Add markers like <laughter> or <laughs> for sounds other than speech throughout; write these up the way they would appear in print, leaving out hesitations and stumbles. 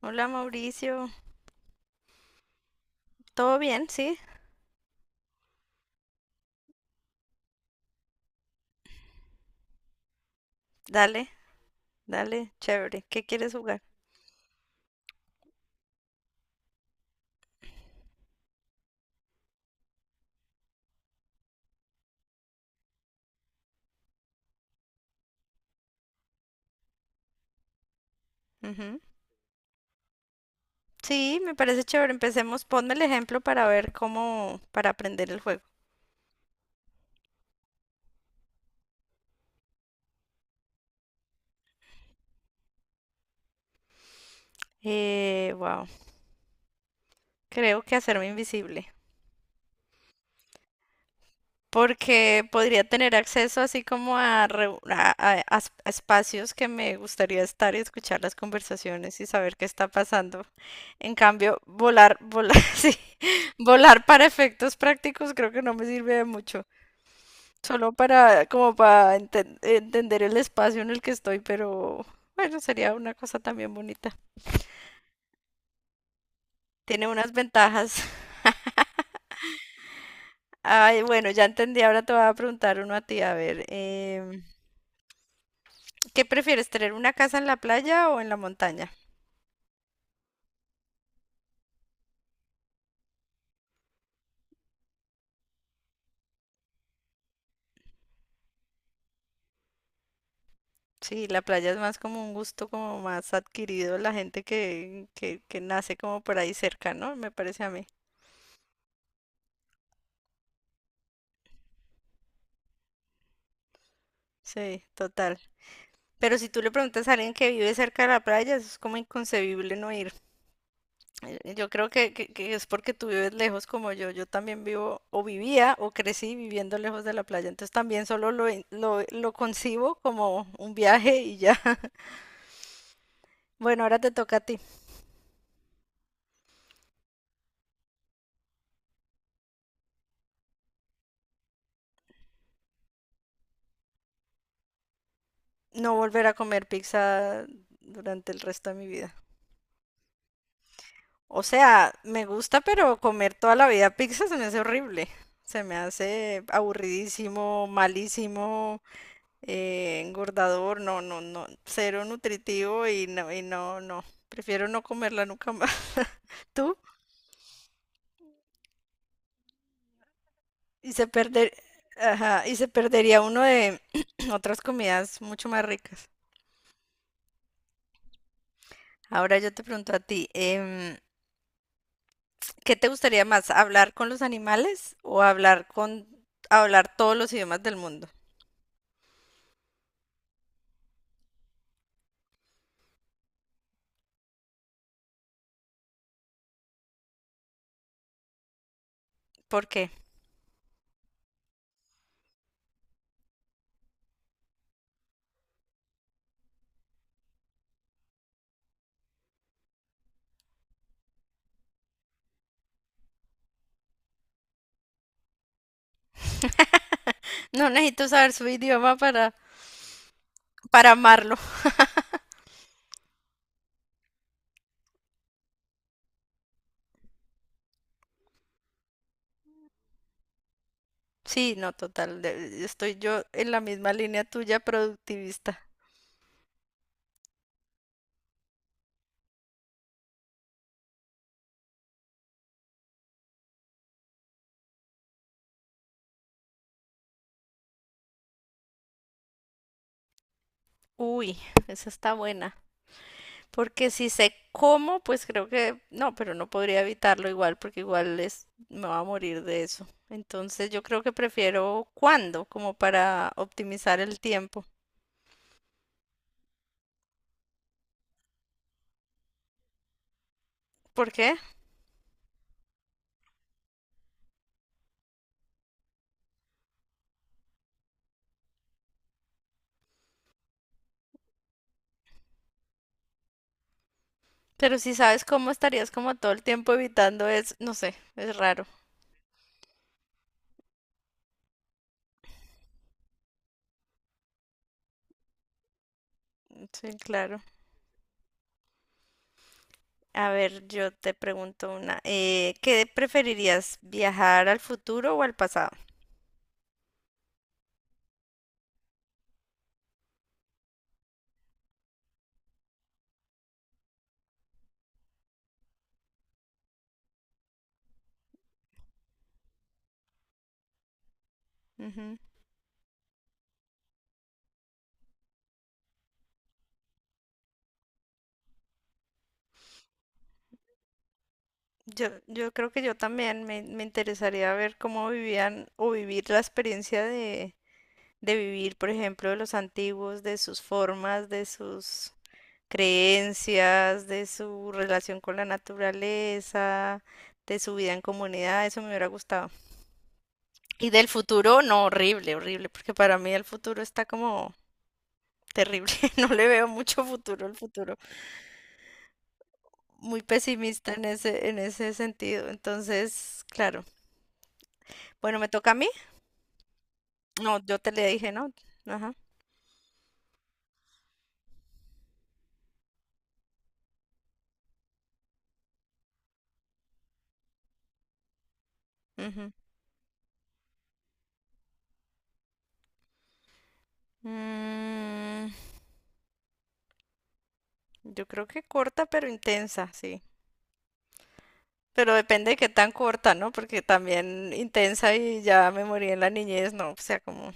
Hola Mauricio, ¿todo bien? Sí, dale, dale, chévere. ¿Qué quieres jugar? Ujú. Sí, me parece chévere. Empecemos, ponme el ejemplo para ver cómo, para aprender el juego. Wow, creo que hacerme invisible, porque podría tener acceso así como a, a espacios que me gustaría estar y escuchar las conversaciones y saber qué está pasando. En cambio, volar, <laughs> sí, volar para efectos prácticos creo que no me sirve de mucho. Solo para, como para entender el espacio en el que estoy, pero bueno, sería una cosa también bonita. Tiene unas ventajas. <laughs> Ay, bueno, ya entendí. Ahora te voy a preguntar uno a ti. A ver, ¿qué prefieres, tener una casa en la playa o en la montaña? Sí, la playa es más como un gusto como más adquirido la gente que nace como por ahí cerca, ¿no? Me parece a mí. Sí, total. Pero si tú le preguntas a alguien que vive cerca de la playa, eso es como inconcebible no ir. Yo creo que es porque tú vives lejos como yo. Yo también vivo o vivía o crecí viviendo lejos de la playa. Entonces también solo lo concibo como un viaje y ya. <laughs> Bueno, ahora te toca a ti. No volver a comer pizza durante el resto de mi vida. O sea, me gusta, pero comer toda la vida pizza se me hace horrible. Se me hace aburridísimo, malísimo, engordador, no, no, no, cero nutritivo no. Prefiero no comerla nunca más. Tú y se perder, ajá, y se perdería uno de <clears throat> otras comidas mucho más ricas. Ahora yo te pregunto a ti, ¿qué te gustaría más, hablar con los animales o hablar todos los idiomas del mundo? ¿Por qué? No necesito saber su idioma para amarlo. <laughs> Sí, no, total, de- estoy yo en la misma línea tuya, productivista. Uy, esa está buena. Porque si sé cómo, pues creo que no, pero no podría evitarlo igual, porque igual es, me va a morir de eso. Entonces yo creo que prefiero cuándo, como para optimizar el tiempo. ¿Por qué? Pero si sabes cómo estarías como todo el tiempo evitando es, no sé, es raro. Sí, claro. A ver, yo te pregunto una. ¿Qué preferirías, viajar al futuro o al pasado? Ujú. Yo creo que yo también me interesaría ver cómo vivían o vivir la experiencia de vivir, por ejemplo, de los antiguos, de sus formas, de sus creencias, de su relación con la naturaleza, de su vida en comunidad, eso me hubiera gustado. Y del futuro, no, horrible, horrible, porque para mí el futuro está como terrible, <laughs> no le veo mucho futuro al futuro, muy pesimista en ese sentido, entonces, claro. Bueno, ¿me toca a mí? No, yo te le dije, ¿no? Ajá. Ujú. Mm, yo creo que corta pero intensa, sí. Pero depende de qué tan corta, ¿no? Porque también intensa y ya me morí en la niñez, no, o sea, como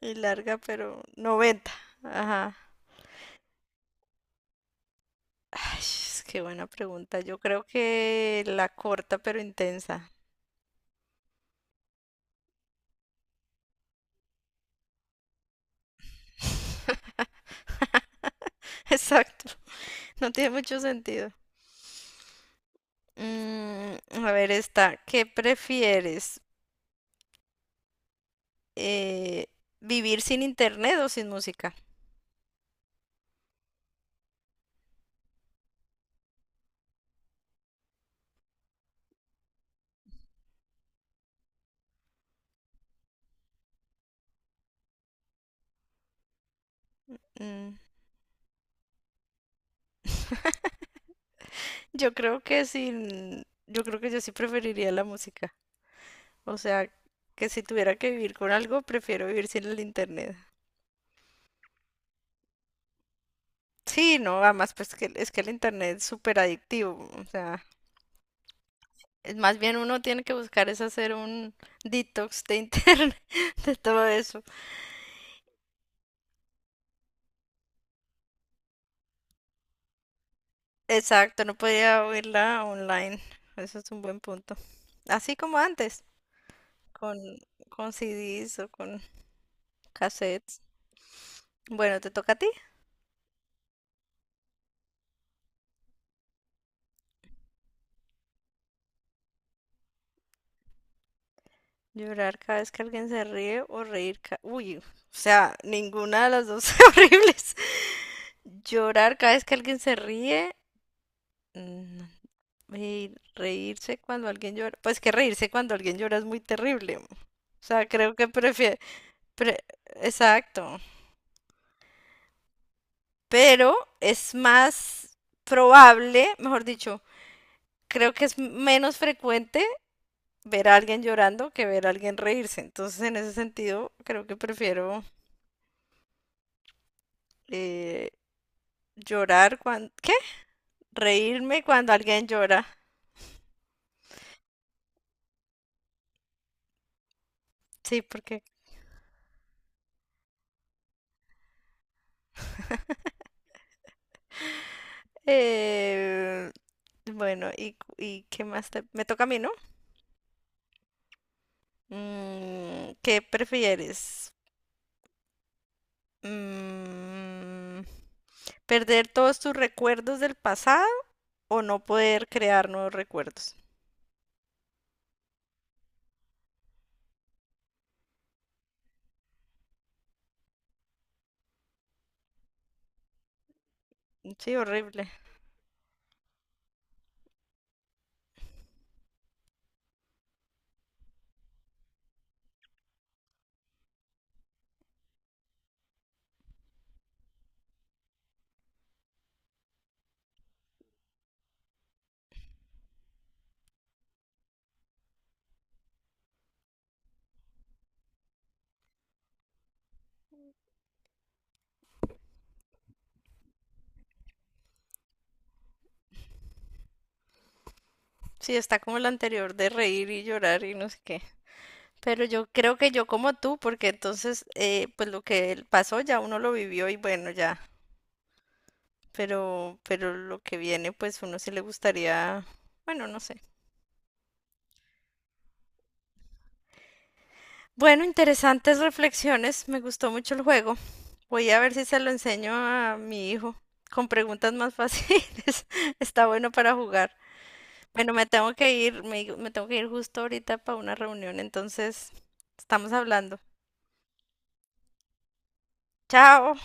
y larga, pero 90. Ajá. Ay, es que buena pregunta. Yo creo que la corta pero intensa. <laughs> Exacto. No tiene mucho sentido. Mm, a ver, esta. ¿Qué prefieres? Eh, ¿Vivir sin internet o sin música? Mm, yo creo que sin... Yo creo que yo sí preferiría la música. O sea, que si tuviera que vivir con algo, prefiero vivir sin el internet. Sí, no, además, pues que es que el internet es súper adictivo. O sea, es más bien uno tiene que buscar es hacer un detox de internet, <laughs> de todo eso. Exacto, no podía oírla online. Eso es un buen punto. Así como antes, con, con CDs o con cassettes. Bueno, ¿te toca a ti? Llorar cada vez que alguien se ríe o reír ca- Uy, o sea, ninguna de las dos <laughs> son horribles. Llorar cada vez que alguien se ríe. mm, Y reírse cuando alguien llora. Pues que reírse cuando alguien llora es muy terrible. O sea, creo que prefiero... Exacto. Pero es más probable, mejor dicho, creo que es menos frecuente ver a alguien llorando que ver a alguien reírse. Entonces, en ese sentido, creo que prefiero... eh, llorar cuando... ¿Qué? Reírme cuando alguien llora. Sí, porque... eh, bueno, y qué más te... Me toca a mí, ¿no? ¿Qué prefieres? Mm, ¿Perder todos tus recuerdos del pasado o no poder crear nuevos recuerdos? Sí, horrible. Sí, está como el anterior de reír y llorar y no sé qué. Pero yo creo que yo como tú, porque entonces, pues lo que pasó ya uno lo vivió y bueno, ya pero lo que viene, pues uno sí le gustaría, bueno, no sé. Bueno, interesantes reflexiones, me gustó mucho el juego. Voy a ver si se lo enseño a mi hijo con preguntas más fáciles. <laughs> Está bueno para jugar. Bueno, me tengo que ir, me tengo que ir justo ahorita para una reunión, entonces estamos hablando. Chao.